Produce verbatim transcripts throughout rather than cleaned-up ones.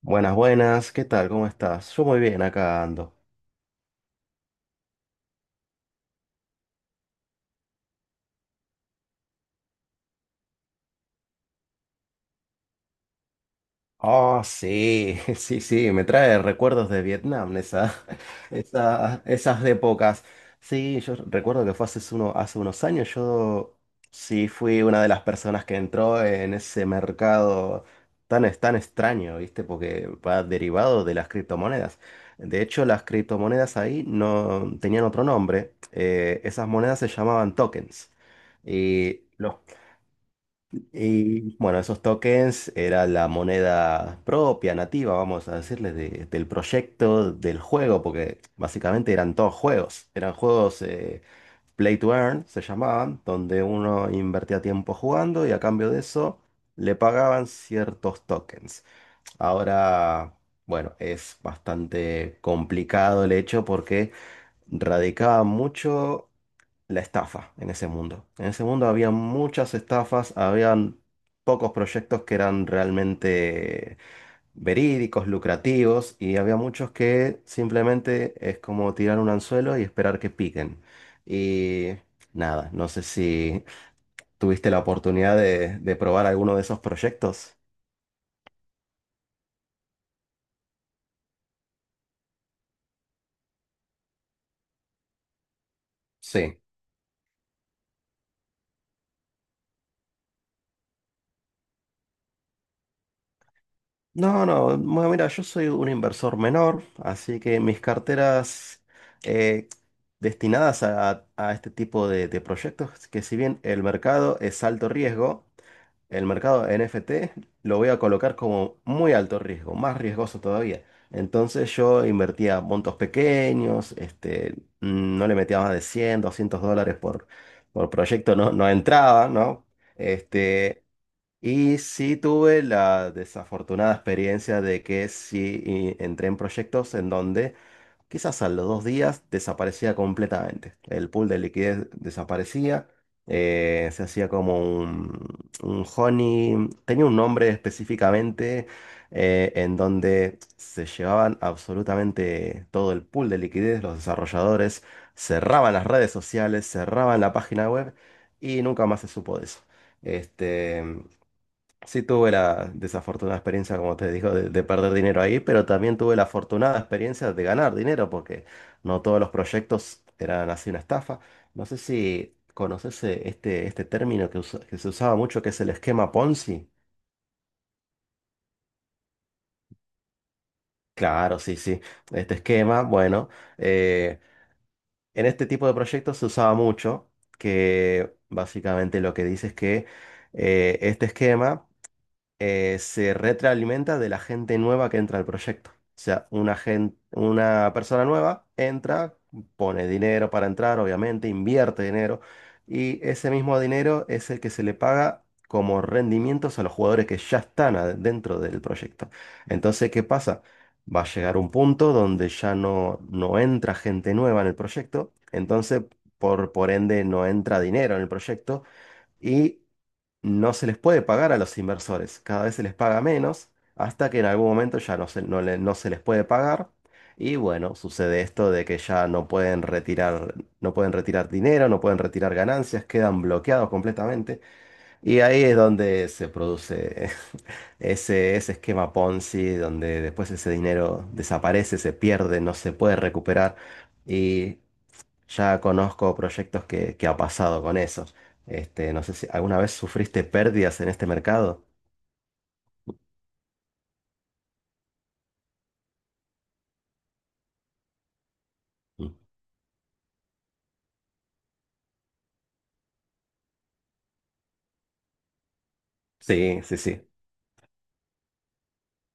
Buenas, buenas, ¿qué tal? ¿Cómo estás? Yo muy bien, acá ando. Oh, sí, sí, sí, me trae recuerdos de Vietnam, esa, esa- esas épocas. Sí, yo recuerdo que fue hace, uno, hace unos años, yo sí fui una de las personas que entró en ese mercado tan, es- tan extraño, ¿viste? Porque va derivado de las criptomonedas. De hecho, las criptomonedas ahí no tenían otro nombre. Eh, esas monedas se llamaban tokens. Y los Y bueno, esos tokens era la moneda propia, nativa, vamos a decirle, de- del proyecto, del juego, porque básicamente eran todos juegos. Eran juegos eh, play to earn, se llamaban, donde uno invertía tiempo jugando y a cambio de eso le pagaban ciertos tokens. Ahora, bueno, es bastante complicado el hecho porque radicaba mucho la estafa en ese mundo. En ese mundo había muchas estafas, habían pocos proyectos que eran realmente verídicos, lucrativos, y había muchos que simplemente es como tirar un anzuelo y esperar que piquen. Y nada, no sé si tuviste la oportunidad de, de probar alguno de esos proyectos. Sí. No, no, bueno, mira, yo soy un inversor menor, así que mis carteras eh, destinadas a, a este tipo de, de proyectos, que si bien el mercado es alto riesgo, el mercado N F T lo voy a colocar como muy alto riesgo, más riesgoso todavía. Entonces yo invertía montos pequeños, este, mm, no le metía más de cien, doscientos dólares por, por proyecto, no, no entraba, ¿no? Este, y sí tuve la desafortunada experiencia de que sí y entré en proyectos en donde quizás a los dos días desaparecía completamente. El pool de liquidez desaparecía, eh, se hacía como un, un honey, tenía un nombre específicamente eh, en donde se llevaban absolutamente todo el pool de liquidez, los desarrolladores cerraban las redes sociales, cerraban la página web y nunca más se supo de eso. Este, sí, tuve la desafortunada experiencia, como te digo, de, de perder dinero ahí, pero también tuve la afortunada experiencia de ganar dinero, porque no todos los proyectos eran así una estafa. No sé si conoces eh, este, este término que, usa- que se usaba mucho, que es el esquema Ponzi. Claro, sí, sí. Este esquema, bueno, eh, en este tipo de proyectos se usaba mucho, que básicamente lo que dice es que eh, este esquema eh, se retroalimenta de la gente nueva que entra al proyecto. O sea, una gen- una persona nueva entra, pone dinero para entrar, obviamente, invierte dinero, y ese mismo dinero es el que se le paga como rendimientos a los jugadores que ya están ad- dentro del proyecto. Entonces, ¿qué pasa? Va a llegar un punto donde ya no, no entra gente nueva en el proyecto, entonces, por, por ende, no entra dinero en el proyecto. Y no se les puede pagar a los inversores, cada vez se les paga menos, hasta que en algún momento ya no se, no le- no se les puede pagar. Y bueno, sucede esto de que ya no pueden retirar, no pueden retirar dinero, no pueden retirar ganancias, quedan bloqueados completamente. Y ahí es donde se produce ese, ese esquema Ponzi, donde después ese dinero desaparece, se pierde, no se puede recuperar. Ya conozco proyectos que, que ha pasado con esos. Este, no sé si alguna vez sufriste pérdidas en este mercado. Mm. Sí, sí, sí.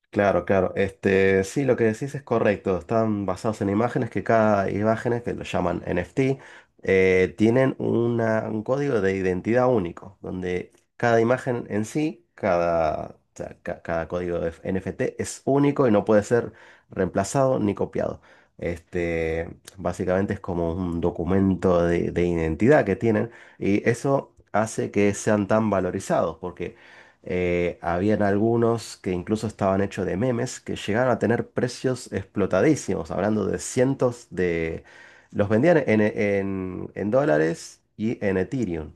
Claro, claro. Este, sí, lo que decís es correcto. Están basados en imágenes que cada imágenes, que lo llaman N F T, eh, tienen una- un código de identidad único, donde cada imagen en sí, cada, o sea, ca- cada código de N F T es único y no puede ser reemplazado ni copiado. Este, básicamente es como un documento de, de identidad que tienen y eso hace que sean tan valorizados, porque eh, habían algunos que incluso estaban hechos de memes que llegaron a tener precios explotadísimos, hablando de cientos de... Los vendían en, en- en dólares y en Ethereum.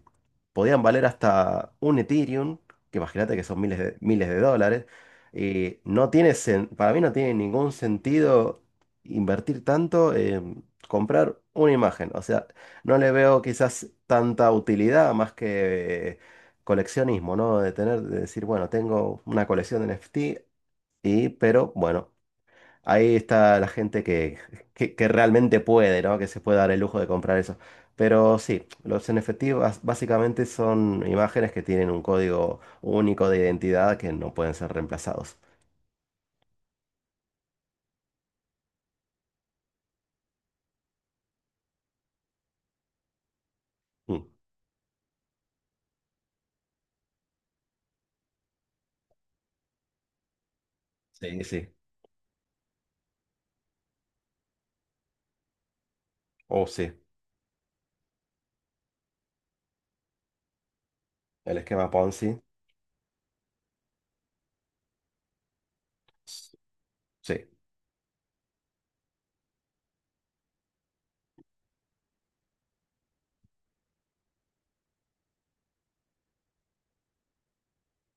Podían valer hasta un Ethereum, que imagínate que son miles de, miles de dólares. Y no tiene, sen- para mí no tiene ningún sentido invertir tanto en comprar una imagen. O sea, no le veo quizás tanta utilidad más que coleccionismo, ¿no? De tener, de decir, bueno, tengo una colección de N F T y, pero bueno, ahí está la gente que, que, que realmente puede, ¿no? Que se puede dar el lujo de comprar eso. Pero sí, los N F T bas- básicamente son imágenes que tienen un código único de identidad que no pueden ser reemplazados. Mm. Sí, sí, sí. Oh, sí. El esquema Ponzi. Sí.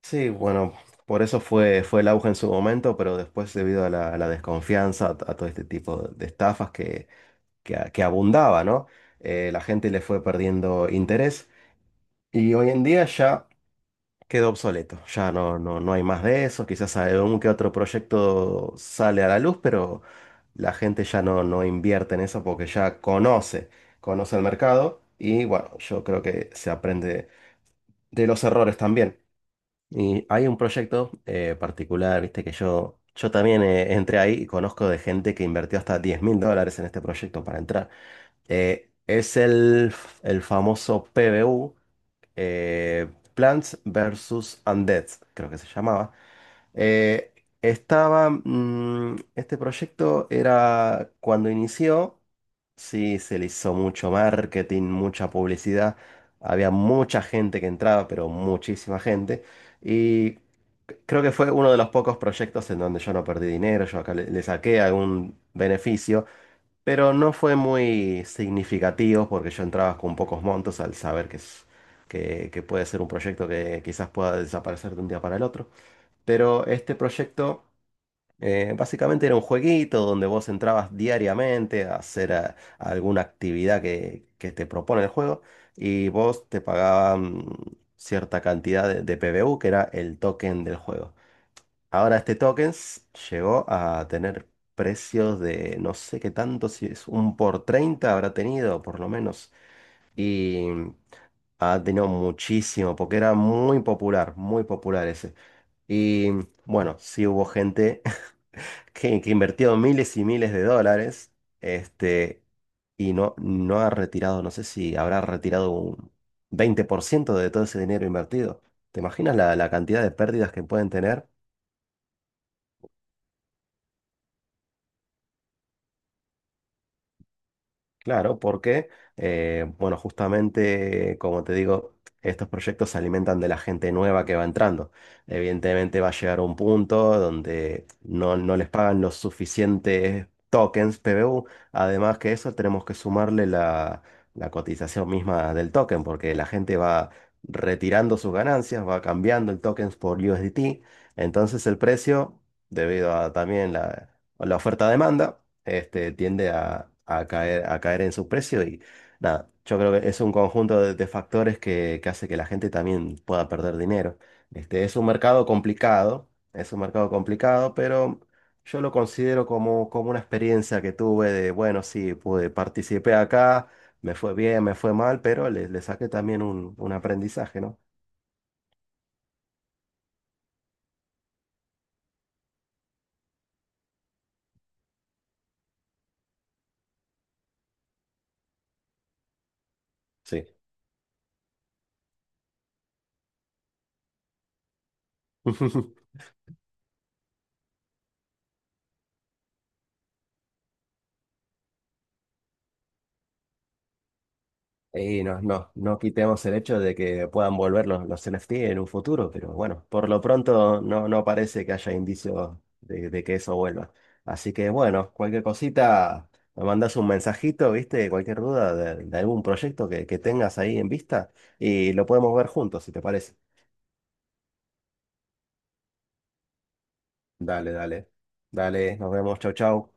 Sí, bueno, por eso fue, fue el auge en su momento, pero después debido a la, a la desconfianza, a, a todo este tipo de estafas que que, a- que abundaba, ¿no? Eh, la gente le fue perdiendo interés y hoy en día ya quedó obsoleto, ya no, no, no hay más de eso, quizás algún que otro proyecto sale a la luz, pero la gente ya no, no invierte en eso porque ya conoce, conoce el mercado y bueno, yo creo que se aprende de los errores también. Y hay un proyecto eh, particular, viste, que yo, yo también eh, entré ahí y conozco de gente que invirtió hasta diez mil dólares en este proyecto para entrar. Eh, es el, el famoso PvU, eh, Plants versus Undead, creo que se llamaba. Eh, estaba, mm, este proyecto era cuando inició, sí, se le hizo mucho marketing, mucha publicidad, había mucha gente que entraba, pero muchísima gente, y creo que fue uno de los pocos proyectos en donde yo no perdí dinero, yo acá le le saqué algún beneficio. Pero no fue muy significativo porque yo entraba con pocos montos al saber que, es, que, que puede ser un proyecto que quizás pueda desaparecer de un día para el otro. Pero este proyecto eh, básicamente era un jueguito donde vos entrabas diariamente a hacer eh, alguna actividad que, que te propone el juego y vos te pagaban cierta cantidad de, de P B U, que era el token del juego. Ahora este tokens llegó a tener precios de no sé qué tanto, si es un por treinta habrá tenido por lo menos. Y ha tenido muchísimo, porque era muy popular, muy popular ese. Y bueno, sí hubo gente que, que invirtió miles y miles de dólares, este, y no, no ha retirado, no sé si habrá retirado un veinte por ciento de todo ese dinero invertido. ¿Te imaginas la, la cantidad de pérdidas que pueden tener? Claro, porque, eh, bueno, justamente, como te digo, estos proyectos se alimentan de la gente nueva que va entrando. Evidentemente va a llegar un punto donde no, no les pagan los suficientes tokens P B U. Además que eso, tenemos que sumarle la, la cotización misma del token, porque la gente va retirando sus ganancias, va cambiando el token por U S D T. Entonces el precio, debido a también la, la oferta-demanda, este, tiende a, a caer, a caer en su precio y nada, yo creo que es un conjunto de, de factores que, que hace que la gente también pueda perder dinero. Este, es un mercado complicado, es un mercado complicado, pero yo lo considero como, como una experiencia que tuve de, bueno, sí, pude, participé acá, me fue bien, me fue mal, pero le, le saqué también un, un aprendizaje, ¿no? Sí. Y no, no, no quitemos el hecho de que puedan volver los, los N F T en un futuro, pero bueno, por lo pronto no, no parece que haya indicios de, de que eso vuelva. Así que bueno, cualquier cosita, me mandas un mensajito, ¿viste? Cualquier duda de, de algún proyecto que, que tengas ahí en vista y lo podemos ver juntos, si te parece. Dale, dale. Dale, nos vemos, chau, chau.